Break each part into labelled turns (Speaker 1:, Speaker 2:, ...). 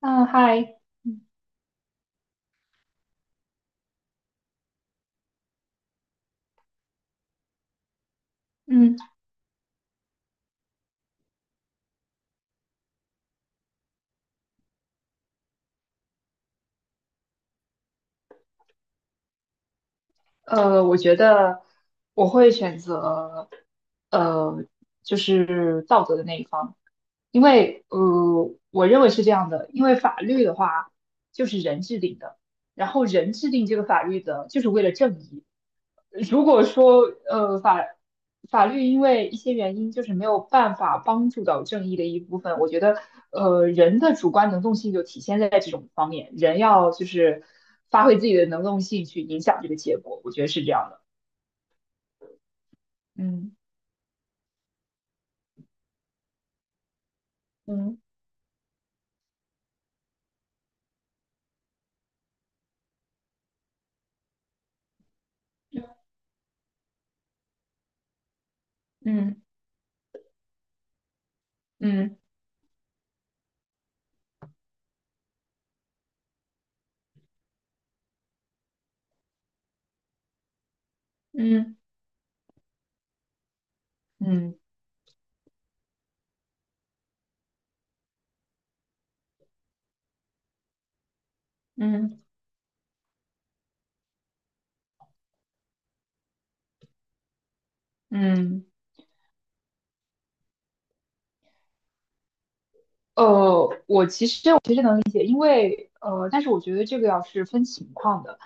Speaker 1: 嗯，嗨，嗯，嗯我觉得我会选择，呃，就是道德的那一方。因为我认为是这样的。因为法律的话就是人制定的，然后人制定这个法律的，就是为了正义。如果说呃法法律因为一些原因就是没有办法帮助到正义的一部分，我觉得人的主观能动性就体现在这种方面。人要就是发挥自己的能动性去影响这个结果，我觉得是这样的。嗯嗯嗯嗯嗯嗯嗯嗯嗯。呃，但是我觉得这个要是分情况的。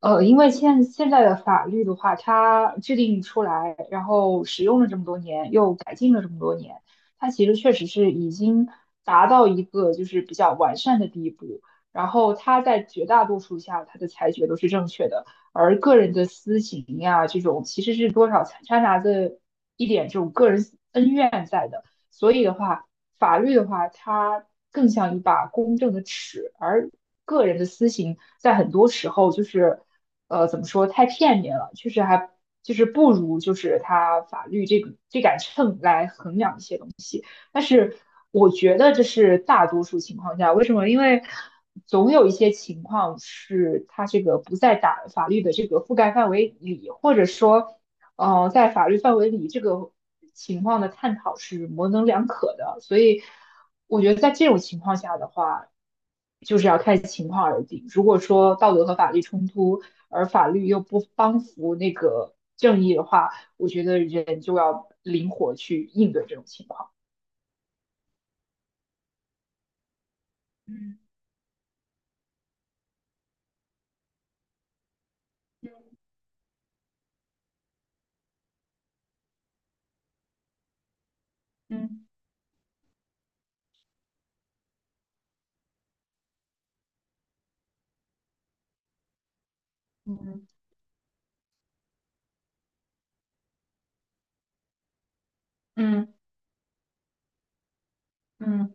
Speaker 1: 因为现在的法律的话，它制定出来，然后使用了这么多年，又改进了这么多年，它其实确实是已经达到一个就是比较完善的地步。然后它在绝大多数下，它的裁决都是正确的。而个人的私情呀，这种其实是多少掺杂着一点这种个人恩怨在的。所以的话，法律的话，它更像一把公正的尺，而个人的私刑在很多时候就是，怎么说，太片面了。确实还就是不如就是它法律这个这杆秤来衡量一些东西。但是我觉得这是大多数情况下。为什么？因为总有一些情况是它这个不在打法律的这个覆盖范围里，或者说在法律范围里，这个情况的探讨是模棱两可的。所以我觉得在这种情况下的话，就是要看情况而定。如果说道德和法律冲突，而法律又不帮扶那个正义的话，我觉得人就要灵活去应对这种情况。嗯嗯嗯嗯嗯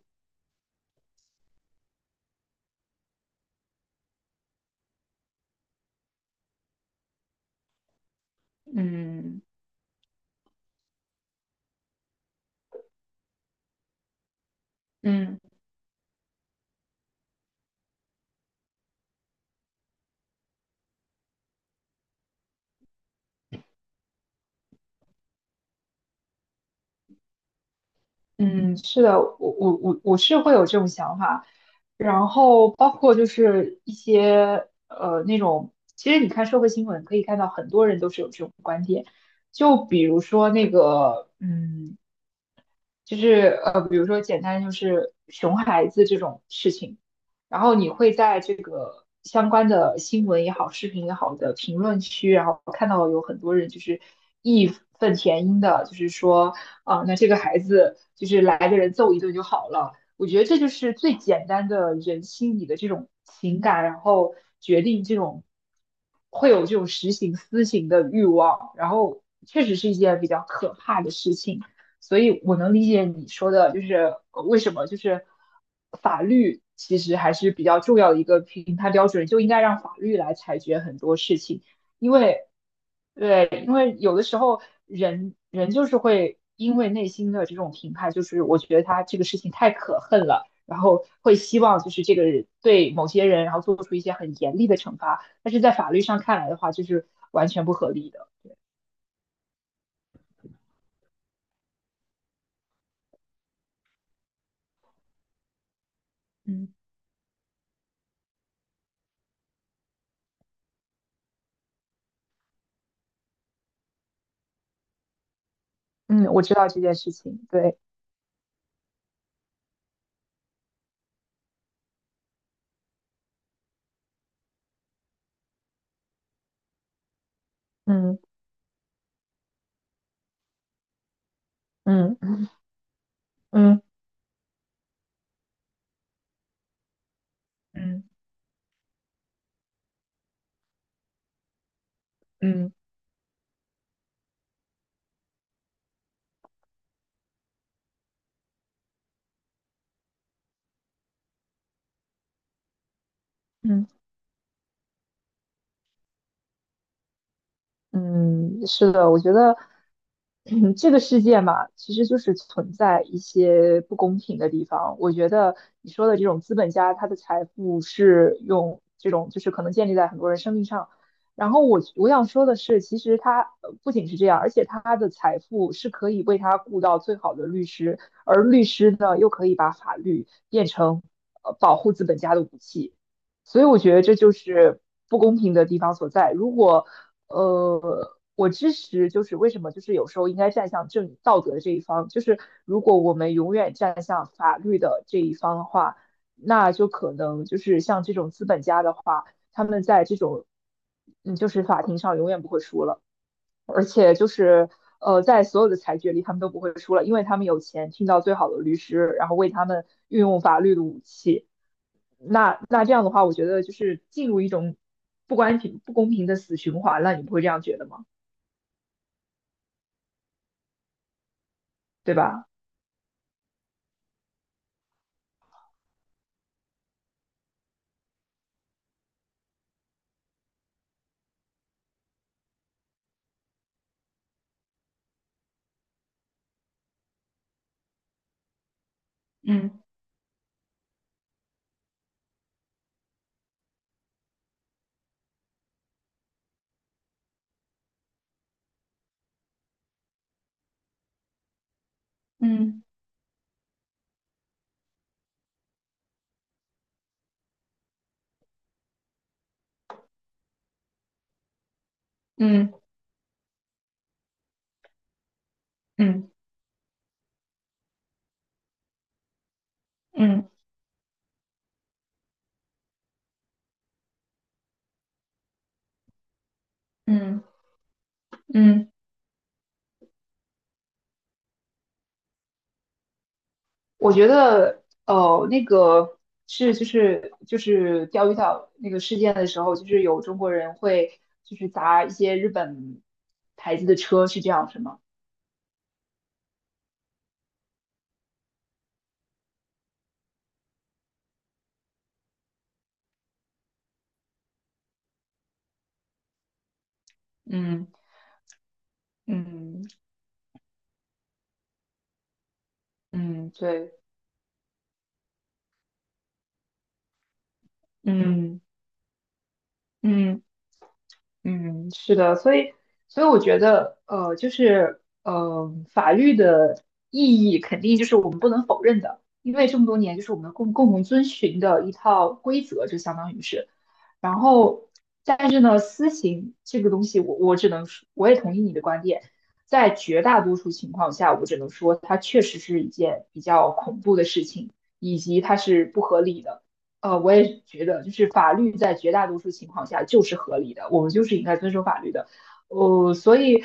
Speaker 1: 嗯嗯。嗯嗯，是的。我是会有这种想法。然后包括就是一些那种，其实你看社会新闻可以看到很多人都是有这种观点。就比如说那个就是比如说简单就是熊孩子这种事情。然后你会在这个相关的新闻也好、视频也好的评论区，然后看到有很多人就是义愤填膺的，就是说啊、那这个孩子就是来个人揍一顿就好了。我觉得这就是最简单的人心里的这种情感，然后决定这种会有这种实行私刑的欲望。然后确实是一件比较可怕的事情。所以我能理解你说的，就是为什么就是法律其实还是比较重要的一个评判标准，就应该让法律来裁决很多事情，因为对。因为有的时候人就是会因为内心的这种评判，就是我觉得他这个事情太可恨了，然后会希望就是这个人对某些人，然后做出一些很严厉的惩罚，但是在法律上看来的话，就是完全不合理的。嗯嗯，我知道这件事情。对。嗯。嗯嗯嗯嗯嗯嗯，嗯，是的，我觉得，这个世界嘛，其实就是存在一些不公平的地方。我觉得你说的这种资本家，他的财富是用这种，就是可能建立在很多人生命上。然后我想说的是，其实他不仅是这样，而且他的财富是可以为他雇到最好的律师，而律师呢，又可以把法律变成保护资本家的武器。所以我觉得这就是不公平的地方所在。如果我支持，就是为什么，就是有时候应该站向正道德的这一方。就是如果我们永远站向法律的这一方的话，那就可能就是像这种资本家的话，他们在这种就是法庭上永远不会输了。而且就是在所有的裁决里，他们都不会输了，因为他们有钱，听到最好的律师，然后为他们运用法律的武器。那这样的话，我觉得就是进入一种不公平不公平的死循环了，你不会这样觉得吗？对吧？嗯嗯嗯嗯嗯嗯嗯。嗯嗯嗯我觉得，那个是就是钓鱼岛那个事件的时候，就是有中国人会就是砸一些日本牌子的车，是这样是吗？嗯嗯嗯，对。嗯嗯。嗯。嗯，是的。所以，所以我觉得，就是，法律的意义肯定就是我们不能否认的，因为这么多年就是我们共同遵循的一套规则，就相当于是。然后，但是呢，私刑这个东西我，我只能说，我也同意你的观点。在绝大多数情况下，我只能说它确实是一件比较恐怖的事情，以及它是不合理的。我也觉得，就是法律在绝大多数情况下就是合理的，我们就是应该遵守法律的。所以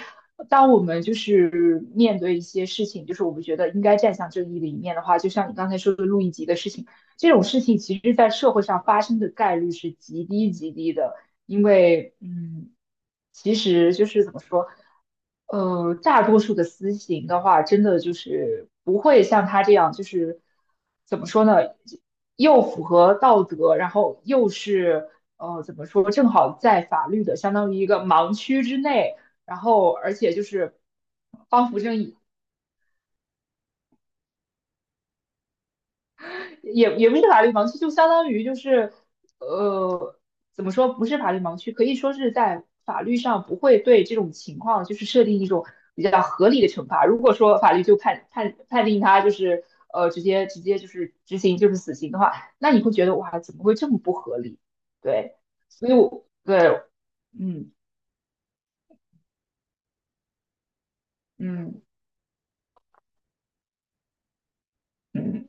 Speaker 1: 当我们就是面对一些事情，就是我们觉得应该站向正义的一面的话，就像你刚才说的路易吉的事情，这种事情其实在社会上发生的概率是极低极低的。因为其实就是怎么说，大多数的私刑的话，真的就是不会像他这样，就是怎么说呢，又符合道德，然后又是怎么说，正好在法律的相当于一个盲区之内，然后而且就是帮扶正义。也不是法律盲区，就相当于就是呃，怎么说，不是法律盲区，可以说是在法律上不会对这种情况就是设定一种比较合理的惩罚。如果说法律就判定他就是直接就是执行就是死刑的话，那你会觉得哇，怎么会这么不合理？对，所以我对。嗯嗯嗯。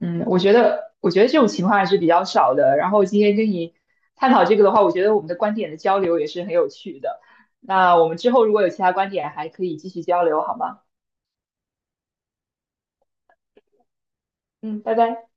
Speaker 1: 嗯，我觉得，我觉得这种情况还是比较少的。然后今天跟你探讨这个的话，我觉得我们的观点的交流也是很有趣的。那我们之后如果有其他观点，还可以继续交流，好吗？嗯，拜拜。